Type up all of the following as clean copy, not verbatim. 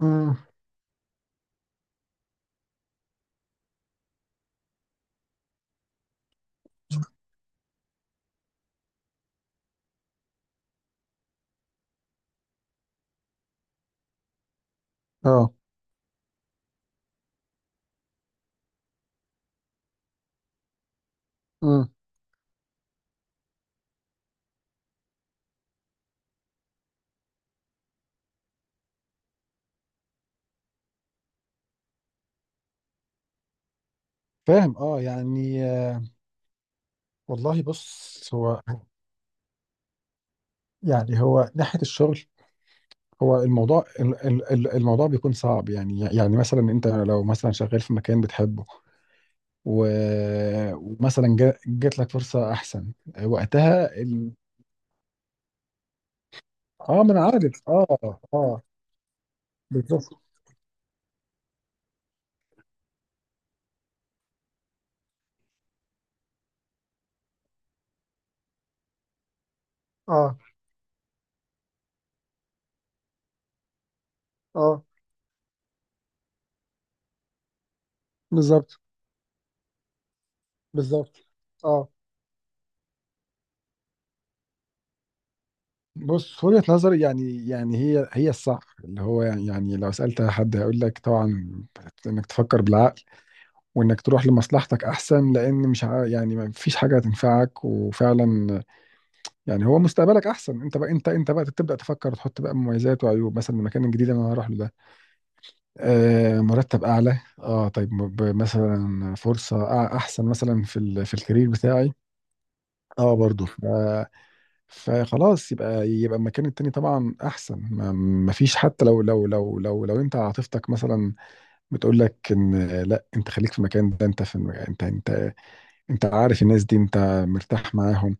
امم اه امم فاهم، يعني آه، والله، بص. هو ناحية الشغل، الموضوع الموضوع بيكون صعب. يعني مثلا انت لو مثلا شغال في مكان بتحبه، ومثلا جات لك فرصة احسن، وقتها ال... اه ما انا عارف، بالظبط اه اه بالظبط. بالظبط، اه بص، وجهة نظري يعني هي الصح. اللي هو يعني، لو سألت حد هيقول لك طبعا انك تفكر بالعقل وانك تروح لمصلحتك احسن، لان مش ع- يعني ما فيش حاجة هتنفعك. وفعلا يعني هو مستقبلك احسن. انت بقى انت بقى تبدأ تفكر، تحط بقى مميزات وعيوب مثلا المكان الجديد اللي انا هروح له ده. آه، مرتب اعلى، طيب، مثلا فرصة احسن مثلا في في الكارير بتاعي، اه برضه. فخلاص، يبقى المكان التاني طبعا احسن، ما فيش. حتى لو انت عاطفتك مثلا بتقول لك ان لا، انت خليك في المكان ده، انت في انت عارف الناس دي، انت مرتاح معاهم،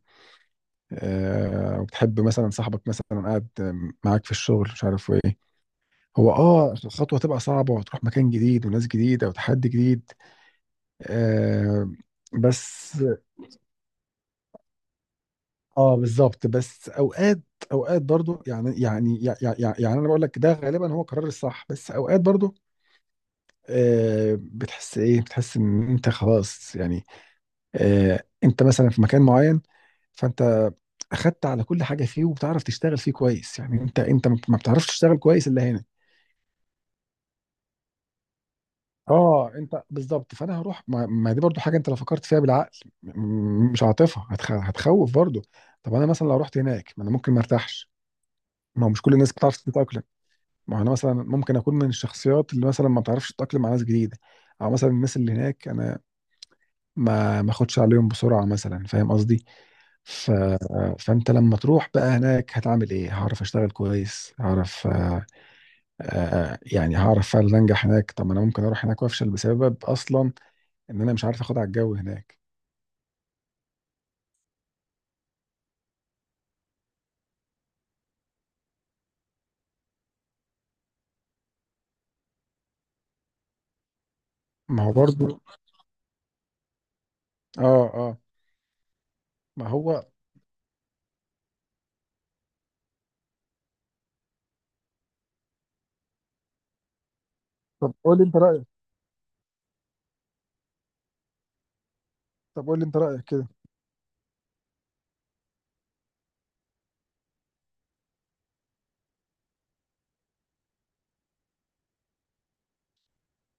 آه، وبتحب مثلا صاحبك مثلا قاعد معاك في الشغل، مش عارف ايه. هو الخطوه تبقى صعبه، وتروح مكان جديد وناس جديده وتحدي جديد، آه. بس. اه بالظبط، بس اوقات، برضو، انا بقول لك، ده غالبا هو قرار الصح، بس اوقات برضو آه، بتحس ان انت خلاص يعني، آه، انت مثلا في مكان معين، فانت اخدت على كل حاجه فيه وبتعرف تشتغل فيه كويس. يعني انت ما بتعرفش تشتغل كويس الا هنا. اه انت بالظبط، فانا هروح ما دي برضو حاجه. انت لو فكرت فيها بالعقل مش عاطفه، هتخوف برضو. طب انا مثلا لو رحت هناك، ما انا ممكن ما ارتاحش. ما هو مش كل الناس بتعرف تتاقلم. ما هو انا مثلا ممكن اكون من الشخصيات اللي مثلا ما بتعرفش تتاقلم مع ناس جديده. او مثلا الناس اللي هناك انا ما اخدش عليهم بسرعه مثلا، فاهم قصدي؟ ف... فانت لما تروح بقى هناك هتعمل ايه؟ هعرف اشتغل كويس؟ هعرف آه، آه، يعني هعرف فعلا انجح هناك؟ طب ما انا ممكن اروح هناك وافشل، بسبب اصلا ان انا مش عارف اخد على الجو هناك. ما هو برضو، اه اه ما هو. طب قول لي انت رايك، كده.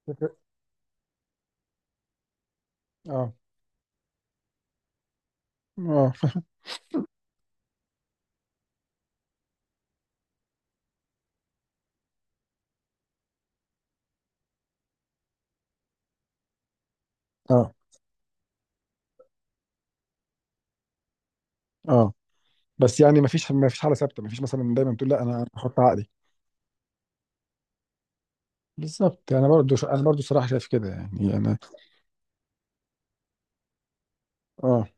فكرة- اه اه اه اه بس يعني ما فيش حاله ثابته. ما فيش مثلا دايما بتقول لا، انا احط عقلي. بالظبط، انا برضو صراحه شايف كده يعني، انا اه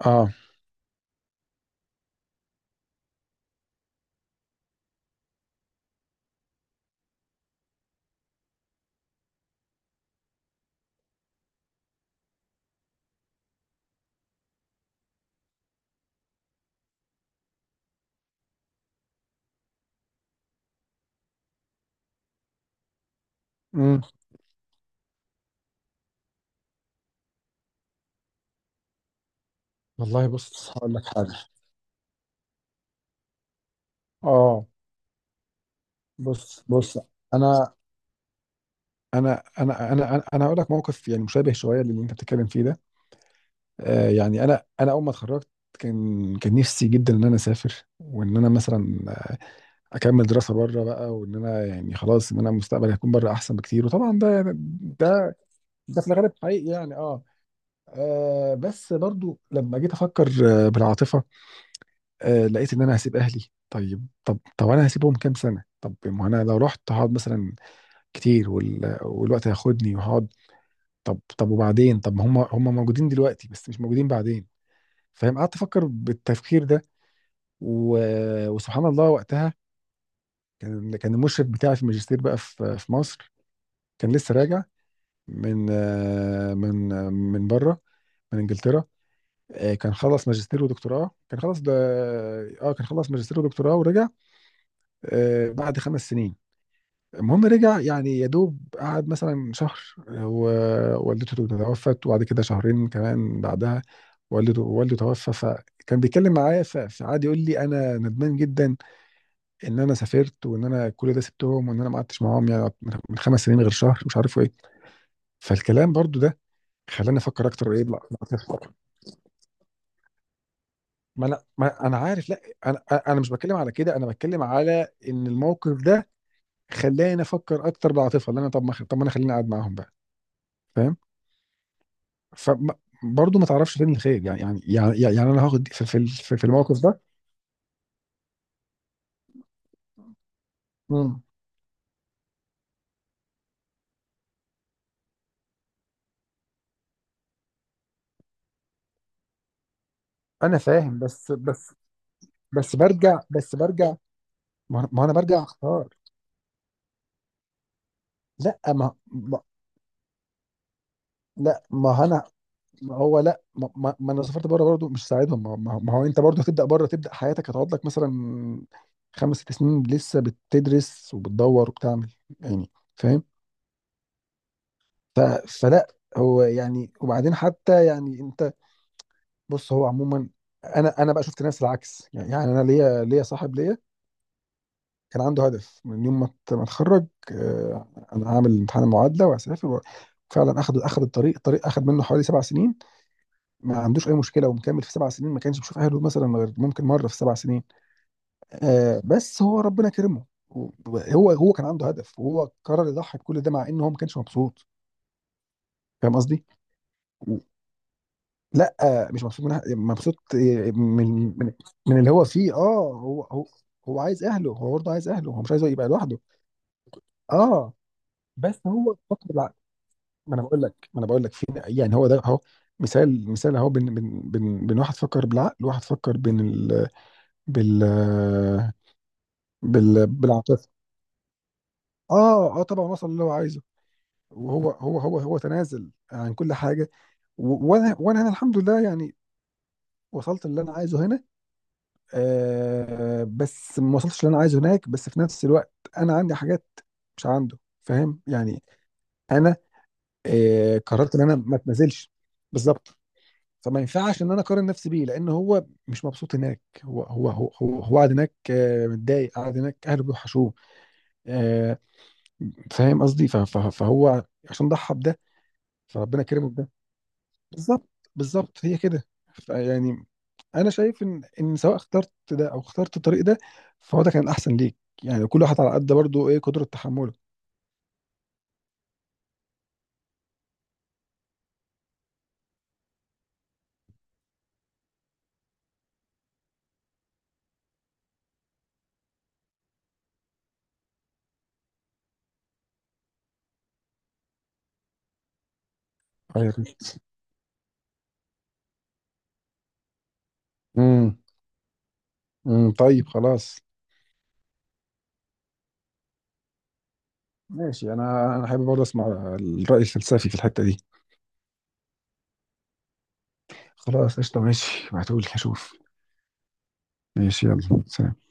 اه امم والله بص هقول لك حاجه. اه بص بص، انا أنا هقول لك موقف يعني مشابه شويه للي انت بتتكلم فيه ده، آه. يعني انا اول ما اتخرجت، كان نفسي جدا ان انا اسافر، وان انا مثلا اكمل دراسه بره بقى، وان انا يعني خلاص، ان انا مستقبلي هيكون بره احسن بكتير. وطبعا ده، ده ده في الغالب حقيقي يعني، اه. آه، بس برضو لما جيت افكر آه بالعاطفه، آه لقيت ان انا هسيب اهلي. طيب، طب انا هسيبهم كام سنه؟ طب ما انا لو رحت هقعد مثلا كتير، والوقت هياخدني وهقعد. طب وبعدين، طب ما هم موجودين دلوقتي، بس مش موجودين بعدين. فاهم؟ قعدت افكر بالتفكير ده، و... وسبحان الله وقتها كان المشرف بتاعي في الماجستير بقى، في مصر، كان لسه راجع من آه، من بره، من انجلترا. آه، كان خلص ماجستير ودكتوراه. كان خلص ماجستير ودكتوراه ورجع. آه، بعد خمس سنين. المهم رجع، يعني يا دوب قعد مثلا شهر، آه، ووالدته توفت. وبعد كده شهرين كمان بعدها والده توفى. فكان بيتكلم معايا، فقعد يقول لي انا ندمان جدا ان انا سافرت، وان انا كل ده سبتهم، وان انا ما قعدتش معاهم يعني، من خمس سنين غير شهر، مش عارف ايه. فالكلام برضو ده خلاني افكر اكتر. ايه، لا ما انا عارف. لا، انا انا مش بتكلم على كده. انا بتكلم على ان الموقف ده خلاني افكر اكتر بالعاطفه، اللي انا، طب ما انا خليني قاعد معاهم بقى. فاهم؟ فبرضه ما تعرفش فين الخير يعني, انا هاخد في الموقف ده. امم انا فاهم، بس بس بس برجع، بس برجع ما ما انا برجع اختار. لا ما ما- لا ما انا ما هو لا، ما انا سافرت بره برضه، مش ساعدهم. ما هو انت برضه هتبدا بره، تبدا حياتك، هتقعد لك مثلا خمس ست سنين لسه بتدرس وبتدور وبتعمل، يعني فاهم؟ ف- فلا. هو يعني وبعدين حتى يعني انت، بص هو عموما انا انا بقى شفت ناس العكس يعني. انا ليا صاحب ليا كان عنده هدف من يوم ما اتخرج، آه، انا هعمل امتحان المعادله وهسافر، فعلا. اخذ الطريق. الطريق اخذ منه حوالي سبع سنين، ما عندوش اي مشكله ومكمل في سبع سنين. ما كانش بيشوف اهله مثلا، غير ممكن مره في سبع سنين، آه. بس هو ربنا كرمه، و- هو هو كان عنده هدف، وهو قرر يضحي بكل ده، مع ان هو ما كانش مبسوط. فاهم قصدي؟ و- لا، آه، مش مبسوط، من مبسوط آه، من من من اللي هو فيه، اه. هو هو هو عايز اهله، هو برضه عايز اهله، هو مش عايز يبقى لوحده، اه. بس هو فقد ما انا بقول لك، في يعني، هو ده اهو، مثال، مثال اهو بين واحد فكر بالعقل، وواحد فكر بين ال... بال بال... بالعاطفه. اه طبعا وصل اللي هو عايزه، وهو هو هو هو تنازل عن كل حاجه. و... وانا وانا انا الحمد لله يعني، وصلت اللي انا عايزه هنا، آه، بس ما وصلتش اللي انا عايزه هناك. بس في نفس الوقت انا عندي حاجات مش عنده، فاهم يعني؟ انا آه قررت ان انا ما اتنازلش. بالظبط. فما ينفعش ان انا اقارن نفسي بيه، لان هو مش مبسوط هناك. هو قاعد هناك آه، متضايق، قاعد هناك اهله بيوحشوه، آه، فاهم قصدي؟ فهو عشان ضحى بده، فربنا كرمه بده. بالظبط، هي كده يعني. انا شايف ان سواء اخترت ده او اخترت الطريق ده، فهو ده كان احسن ليك. يعني كل واحد على قد برضه ايه، قدرة تحمله. ايوه. امم أمم، طيب خلاص. ماشي، انا حابب برضه اسمع الرأي الفلسفي في الحتة دي. خلاص قشطة، ماشي، ابعتهولي اشوف. ماشي، يلا سلام.